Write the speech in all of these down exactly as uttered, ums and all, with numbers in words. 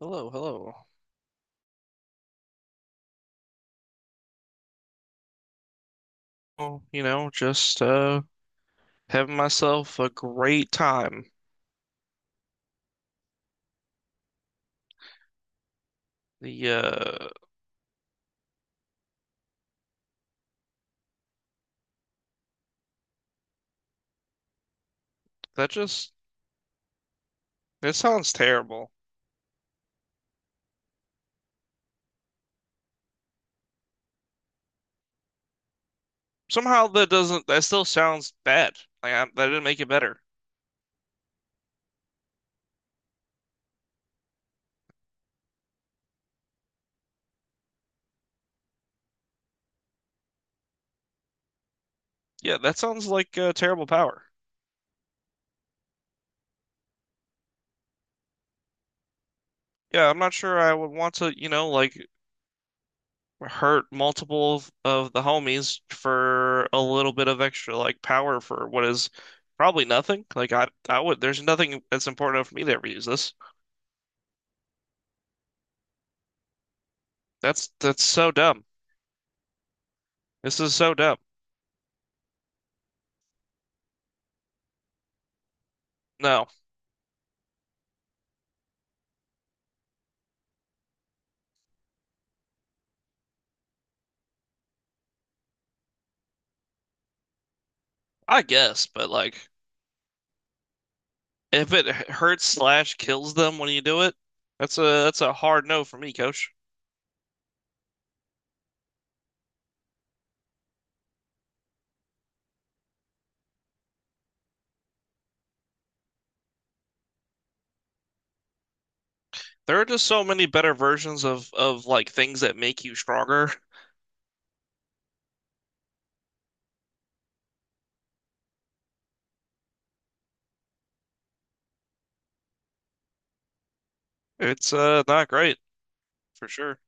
Hello, hello. Well, you know, just uh having myself a great time. The uh that just that sounds terrible. Somehow that doesn't that still sounds bad. Like I, that didn't make it better. Yeah, that sounds like uh, terrible power. Yeah, I'm not sure I would want to, you know, like hurt multiple of, of the homies for a little bit of extra like power for what is probably nothing. Like I I would there's nothing that's important enough for me to ever use this. That's that's so dumb. This is so dumb. No, I guess, but like if it hurts slash kills them when you do it, that's a that's a hard no for me, coach. There are just so many better versions of of like things that make you stronger. It's uh not great for sure.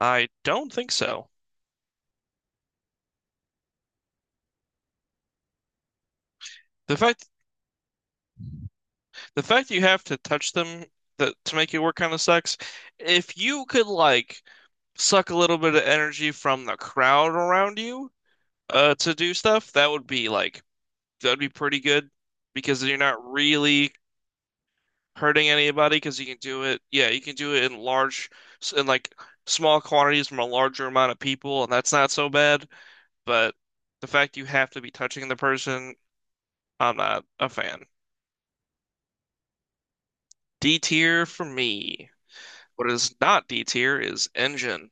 I don't think so. The fact the fact you have to touch them that to make it work kind of sucks. If you could like suck a little bit of energy from the crowd around you uh to do stuff, that would be like that'd be pretty good because you're not really hurting anybody because you can do it. Yeah, you can do it in large, in like small quantities from a larger amount of people, and that's not so bad. But the fact you have to be touching the person, I'm not a fan. D tier for me. What is not D tier is engine.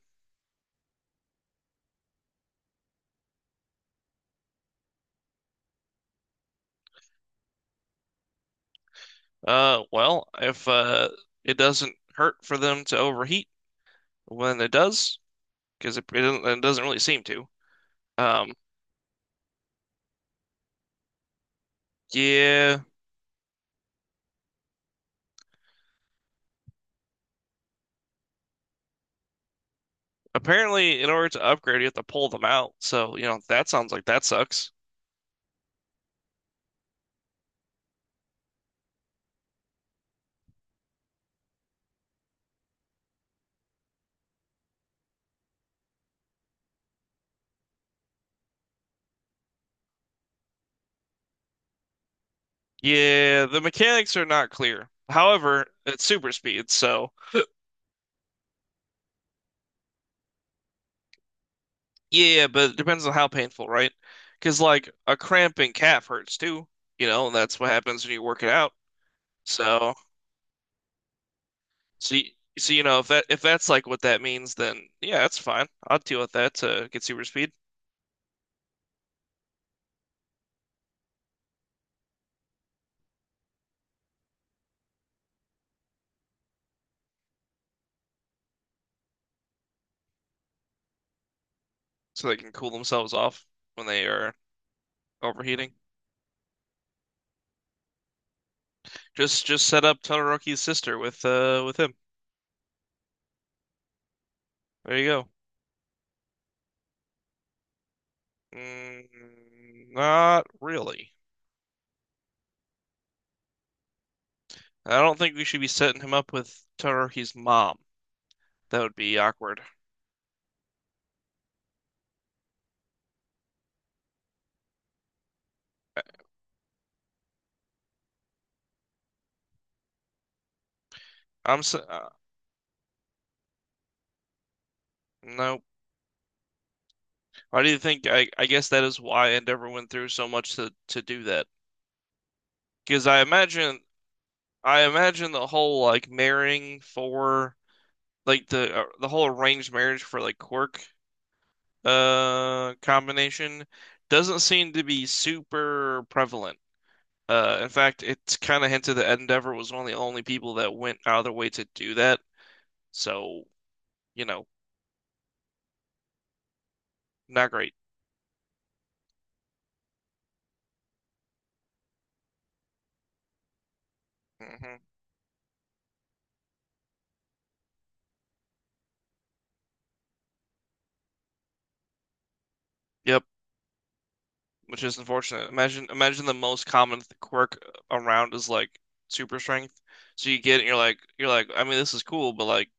Uh, well, if uh, it doesn't hurt for them to overheat when it does, because it, it doesn't it doesn't really seem to. Um, yeah. Apparently, in order to upgrade, you have to pull them out. So, you know, that sounds like that sucks. Yeah, the mechanics are not clear. However, it's super speed, so yeah, but it depends on how painful, right? Because like a cramp in calf hurts too, you know, and that's what happens when you work it out. So, so y- so you know if that if that's like what that means, then yeah, that's fine. I'll deal with that to get super speed so they can cool themselves off when they are overheating. Just just set up Todoroki's sister with uh with him. There you go. Mm, not really. I don't think we should be setting him up with Todoroki's mom. That would be awkward. I'm s uh, no. Why do you think? I I guess that is why Endeavor went through so much to to do that. Because I imagine I imagine the whole like marrying for like the uh, the whole arranged marriage for like quirk uh combination doesn't seem to be super prevalent. Uh, in fact, it's kind of hinted that Endeavor was one of the only people that went out of their way to do that. So, you know, not great. hmm Yep, which is unfortunate. Imagine imagine the most common th- quirk around is like super strength. So you get it and you're like you're like, I mean this is cool, but like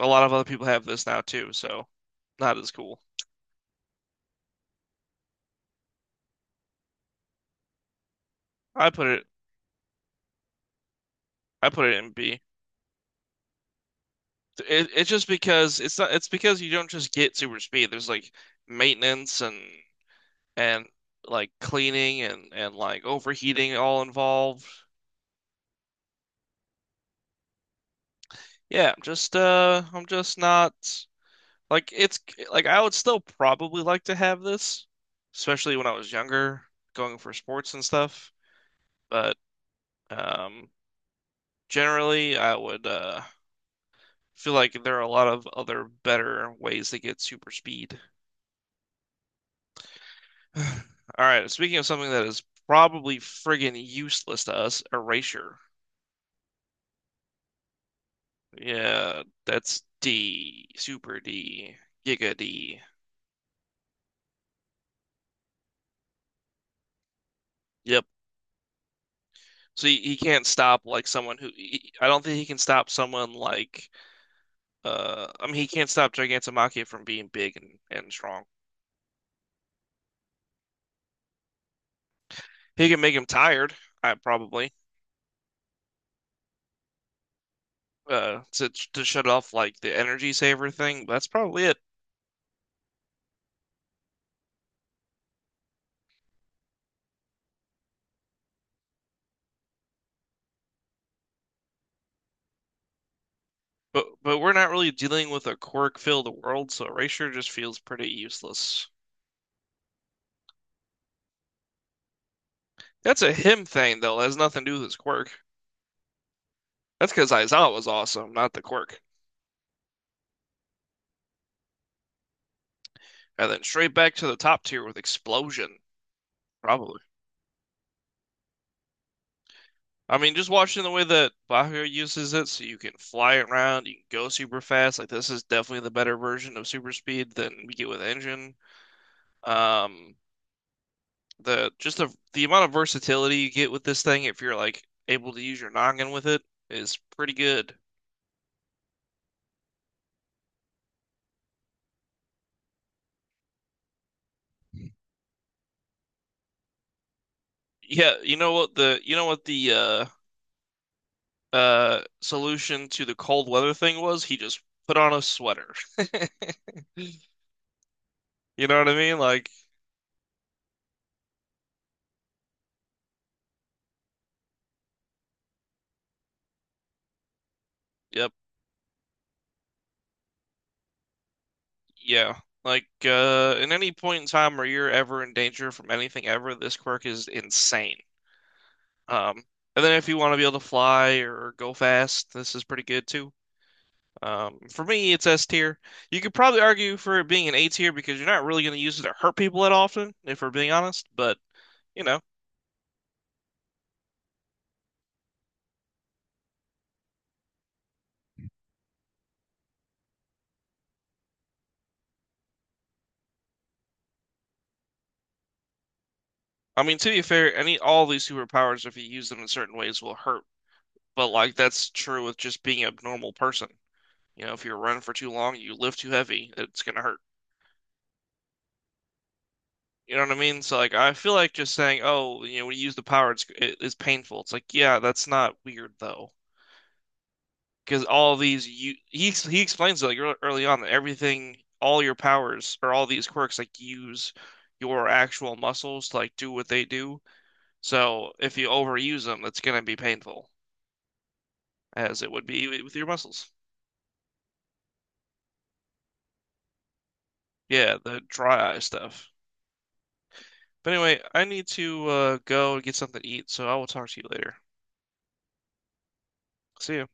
a lot of other people have this now too, so not as cool. I put it I put it in B. It, it's just because it's not it's because you don't just get super speed. There's like maintenance and and like cleaning and and like overheating all involved. Yeah, I'm just uh I'm just not. Like it's like I would still probably like to have this, especially when I was younger, going for sports and stuff. But um, generally, I would uh, feel like there are a lot of other better ways to get super speed. All right, speaking of something that is probably friggin' useless to us, erasure. Yeah, that's D, super D, giga D. Yep. So he, he can't stop like someone who he, I don't think he can stop someone like Uh, I mean, he can't stop Gigantomachia from being big and, and strong. He can make him tired, I probably, uh, to to shut off like the energy saver thing. That's probably it. But but we're not really dealing with a quirk-filled world, so Erasure just feels pretty useless. That's a him thing though. That has nothing to do with his quirk. That's because Aizawa was awesome, not the quirk. And then straight back to the top tier with Explosion, probably. I mean, just watching the way that Bahir uses it, so you can fly it around, you can go super fast. Like this is definitely the better version of super speed than we get with engine. Um, the just the the amount of versatility you get with this thing, if you're like able to use your noggin with it, is pretty good. Yeah, you know what the you know what the uh uh solution to the cold weather thing was? He just put on a sweater. You know what I mean? Like, yep. Yeah. Like uh in any point in time where you're ever in danger from anything ever, this quirk is insane. Um and then if you want to be able to fly or go fast, this is pretty good too. Um for me it's S tier. You could probably argue for it being an A tier because you're not really going to use it to hurt people that often, if we're being honest, but you know. I mean to be fair, any all these superpowers if you use them in certain ways will hurt. But like that's true with just being a normal person. You know, if you're running for too long, you lift too heavy, it's gonna hurt. You know what I mean? So like, I feel like just saying, "Oh, you know, when you use the power, it's it, it's painful." It's like, yeah, that's not weird though, because all these you he ex- he explains it like ear- early on that everything, all your powers or all these quirks like use your actual muscles to like do what they do. So if you overuse them, it's gonna be painful, as it would be wi- with your muscles. Yeah, the dry eye stuff. But anyway, I need to uh, go and get something to eat, so I will talk to you later. See ya.